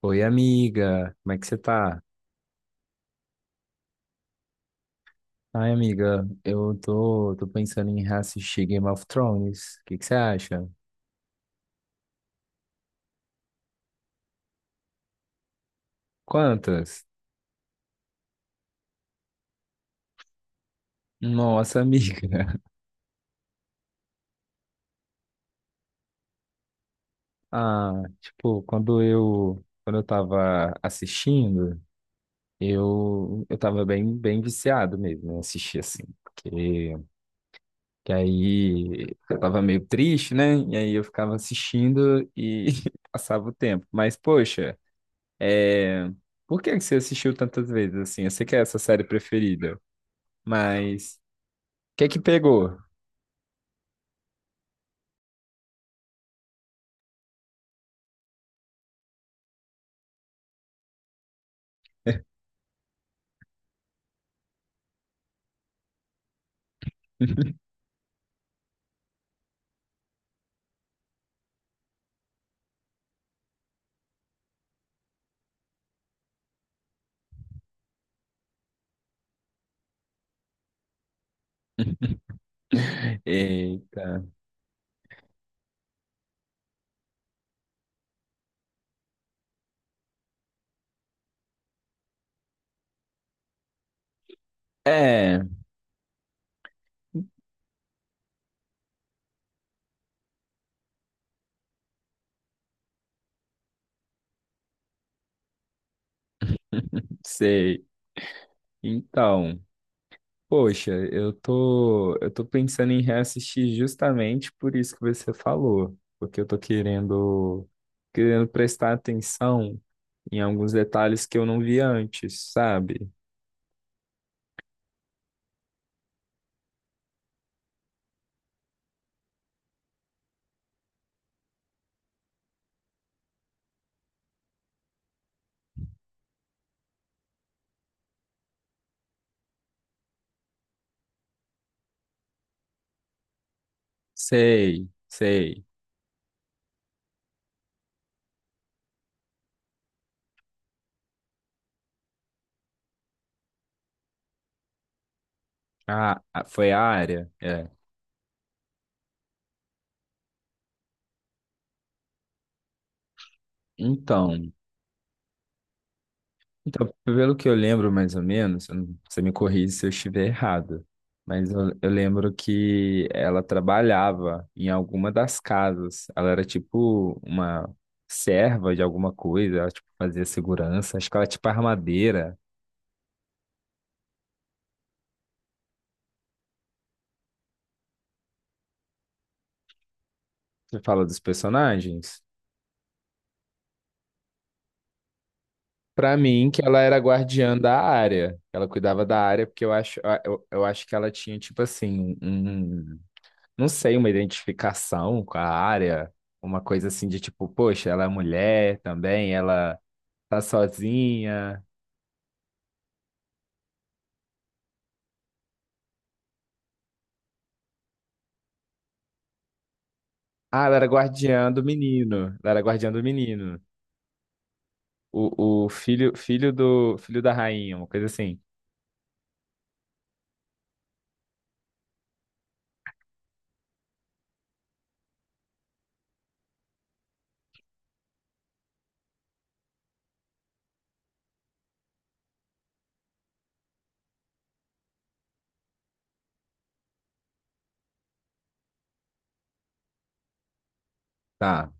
Oi, amiga, como é que você tá? Ai, amiga, eu tô pensando em reassistir Game of Thrones. O que que você acha? Quantas? Nossa, amiga. Ah, tipo, quando eu tava assistindo, eu tava bem viciado mesmo, né? Assistir assim, porque que aí eu tava meio triste, né? E aí eu ficava assistindo e passava o tempo. Mas, poxa. É, Por que que você assistiu tantas vezes assim? Eu sei que é essa série preferida, mas o que que pegou? Eita. É, sei. Então, poxa, eu tô pensando em reassistir justamente por isso que você falou, porque eu tô querendo prestar atenção em alguns detalhes que eu não vi antes, sabe? Sei, sei. Ah, foi a área? É. Então. Então, pelo que eu lembro, mais ou menos, eu não- você me corrige se eu estiver errado, mas eu lembro que ela trabalhava em alguma das casas. Ela era tipo uma serva de alguma coisa, ela tipo fazia segurança, acho que ela era tipo armadeira. Você fala dos personagens? Pra mim, que ela era guardiã da área. Ela cuidava da área, porque eu acho, eu acho que ela tinha tipo assim, um não sei, uma identificação com a área, uma coisa assim de tipo, poxa, ela é mulher também, ela tá sozinha. Ah, ela era guardiã do menino, ela era guardiã do menino. O filho, filho da rainha, uma coisa assim. Tá.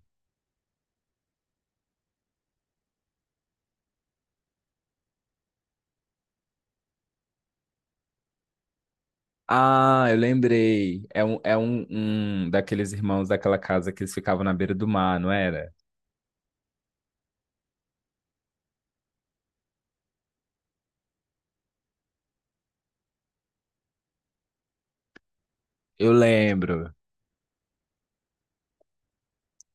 Ah, eu lembrei. É um um daqueles irmãos daquela casa que eles ficavam na beira do mar, não era? Eu lembro.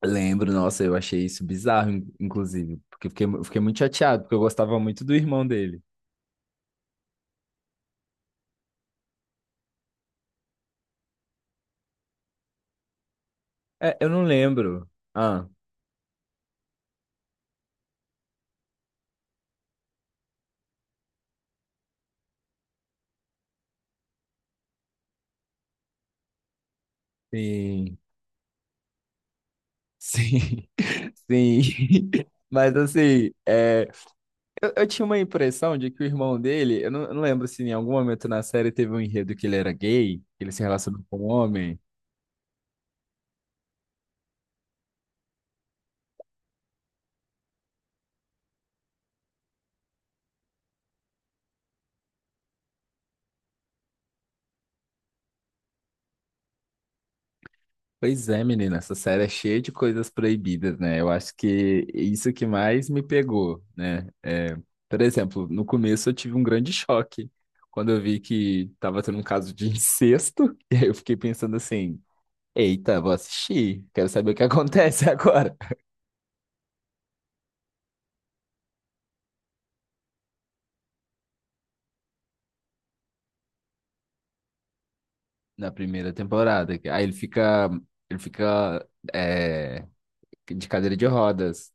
Lembro, nossa, eu achei isso bizarro, inclusive, porque eu fiquei muito chateado, porque eu gostava muito do irmão dele. É, eu não lembro. Ah, sim, sim, sim. Mas assim, é, eu tinha uma impressão de que o irmão dele, eu não lembro se em algum momento na série teve um enredo que ele era gay, que ele se relacionou com um homem. Pois é, menina, essa série é cheia de coisas proibidas, né? Eu acho que isso que mais me pegou, né? É, por exemplo, no começo eu tive um grande choque quando eu vi que tava tendo um caso de incesto, e aí eu fiquei pensando assim. Eita, vou assistir. Quero saber o que acontece agora. Na primeira temporada. Aí ele fica. Ele fica. É, de cadeira de rodas.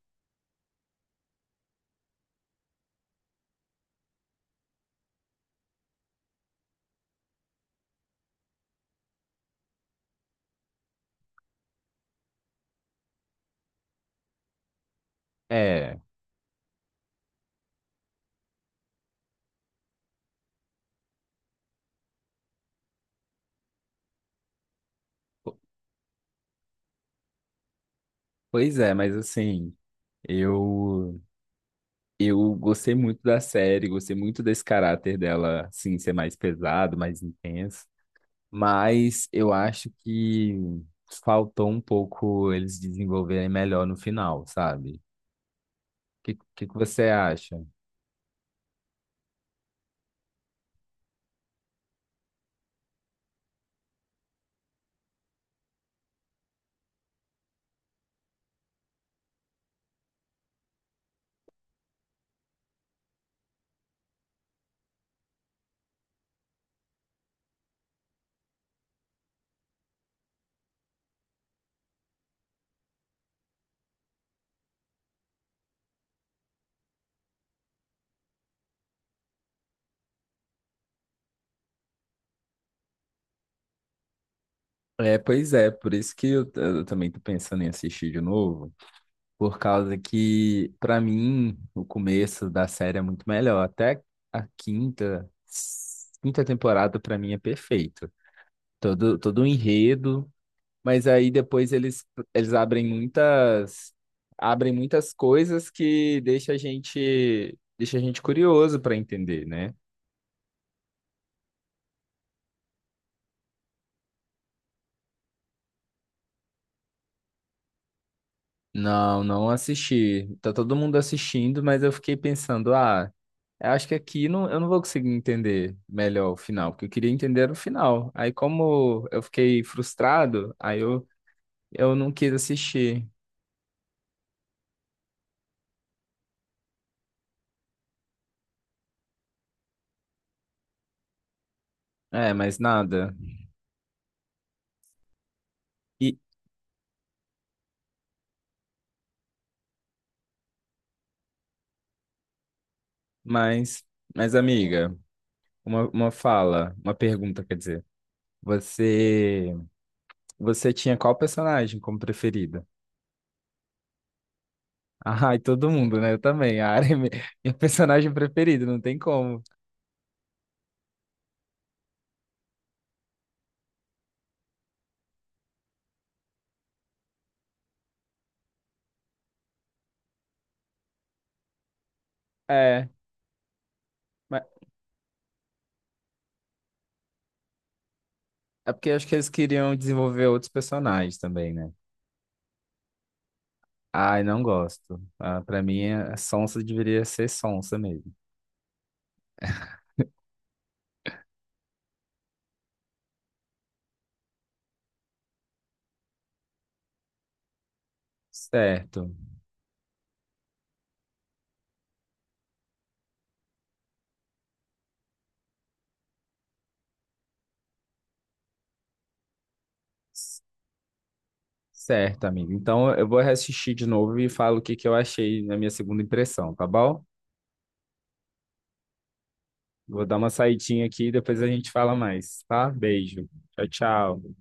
É. po- Pois é, mas assim. Eu. Eu gostei muito da série. Gostei muito desse caráter dela, assim, ser mais pesado, mais intenso. Mas eu acho que faltou um pouco eles desenvolverem melhor no final, sabe? O que, que você acha? É, pois é, por isso que eu também tô pensando em assistir de novo, por causa que, pra mim, o começo da série é muito melhor. Até a quinta temporada, pra mim, é perfeito. Todo o enredo, mas aí depois eles abrem abrem muitas coisas que deixa deixa a gente curioso pra entender, né? Não, não assisti. Tá todo mundo assistindo, mas eu fiquei pensando, ah. Eu acho que aqui não, eu não vou conseguir entender melhor o final, porque eu queria entender era o final. Aí, como eu fiquei frustrado, eu não quis assistir. É, mas nada. E, mas, mas amiga, uma fala, uma pergunta, quer dizer. Você, você tinha qual personagem como preferida? Ah, e todo mundo, né? Eu também. A Arya é mi- minha personagem preferida, não tem como. É, mas é porque eu acho que eles queriam desenvolver outros personagens também, né? Ai, não gosto. Ah, para mim, a sonsa deveria ser sonsa mesmo. Certo. C- Certo, amigo. Então, eu vou assistir de novo e falo o que que eu achei na minha segunda impressão, tá bom? Vou dar uma saidinha aqui e depois a gente fala mais, tá? Beijo. Tchau, tchau.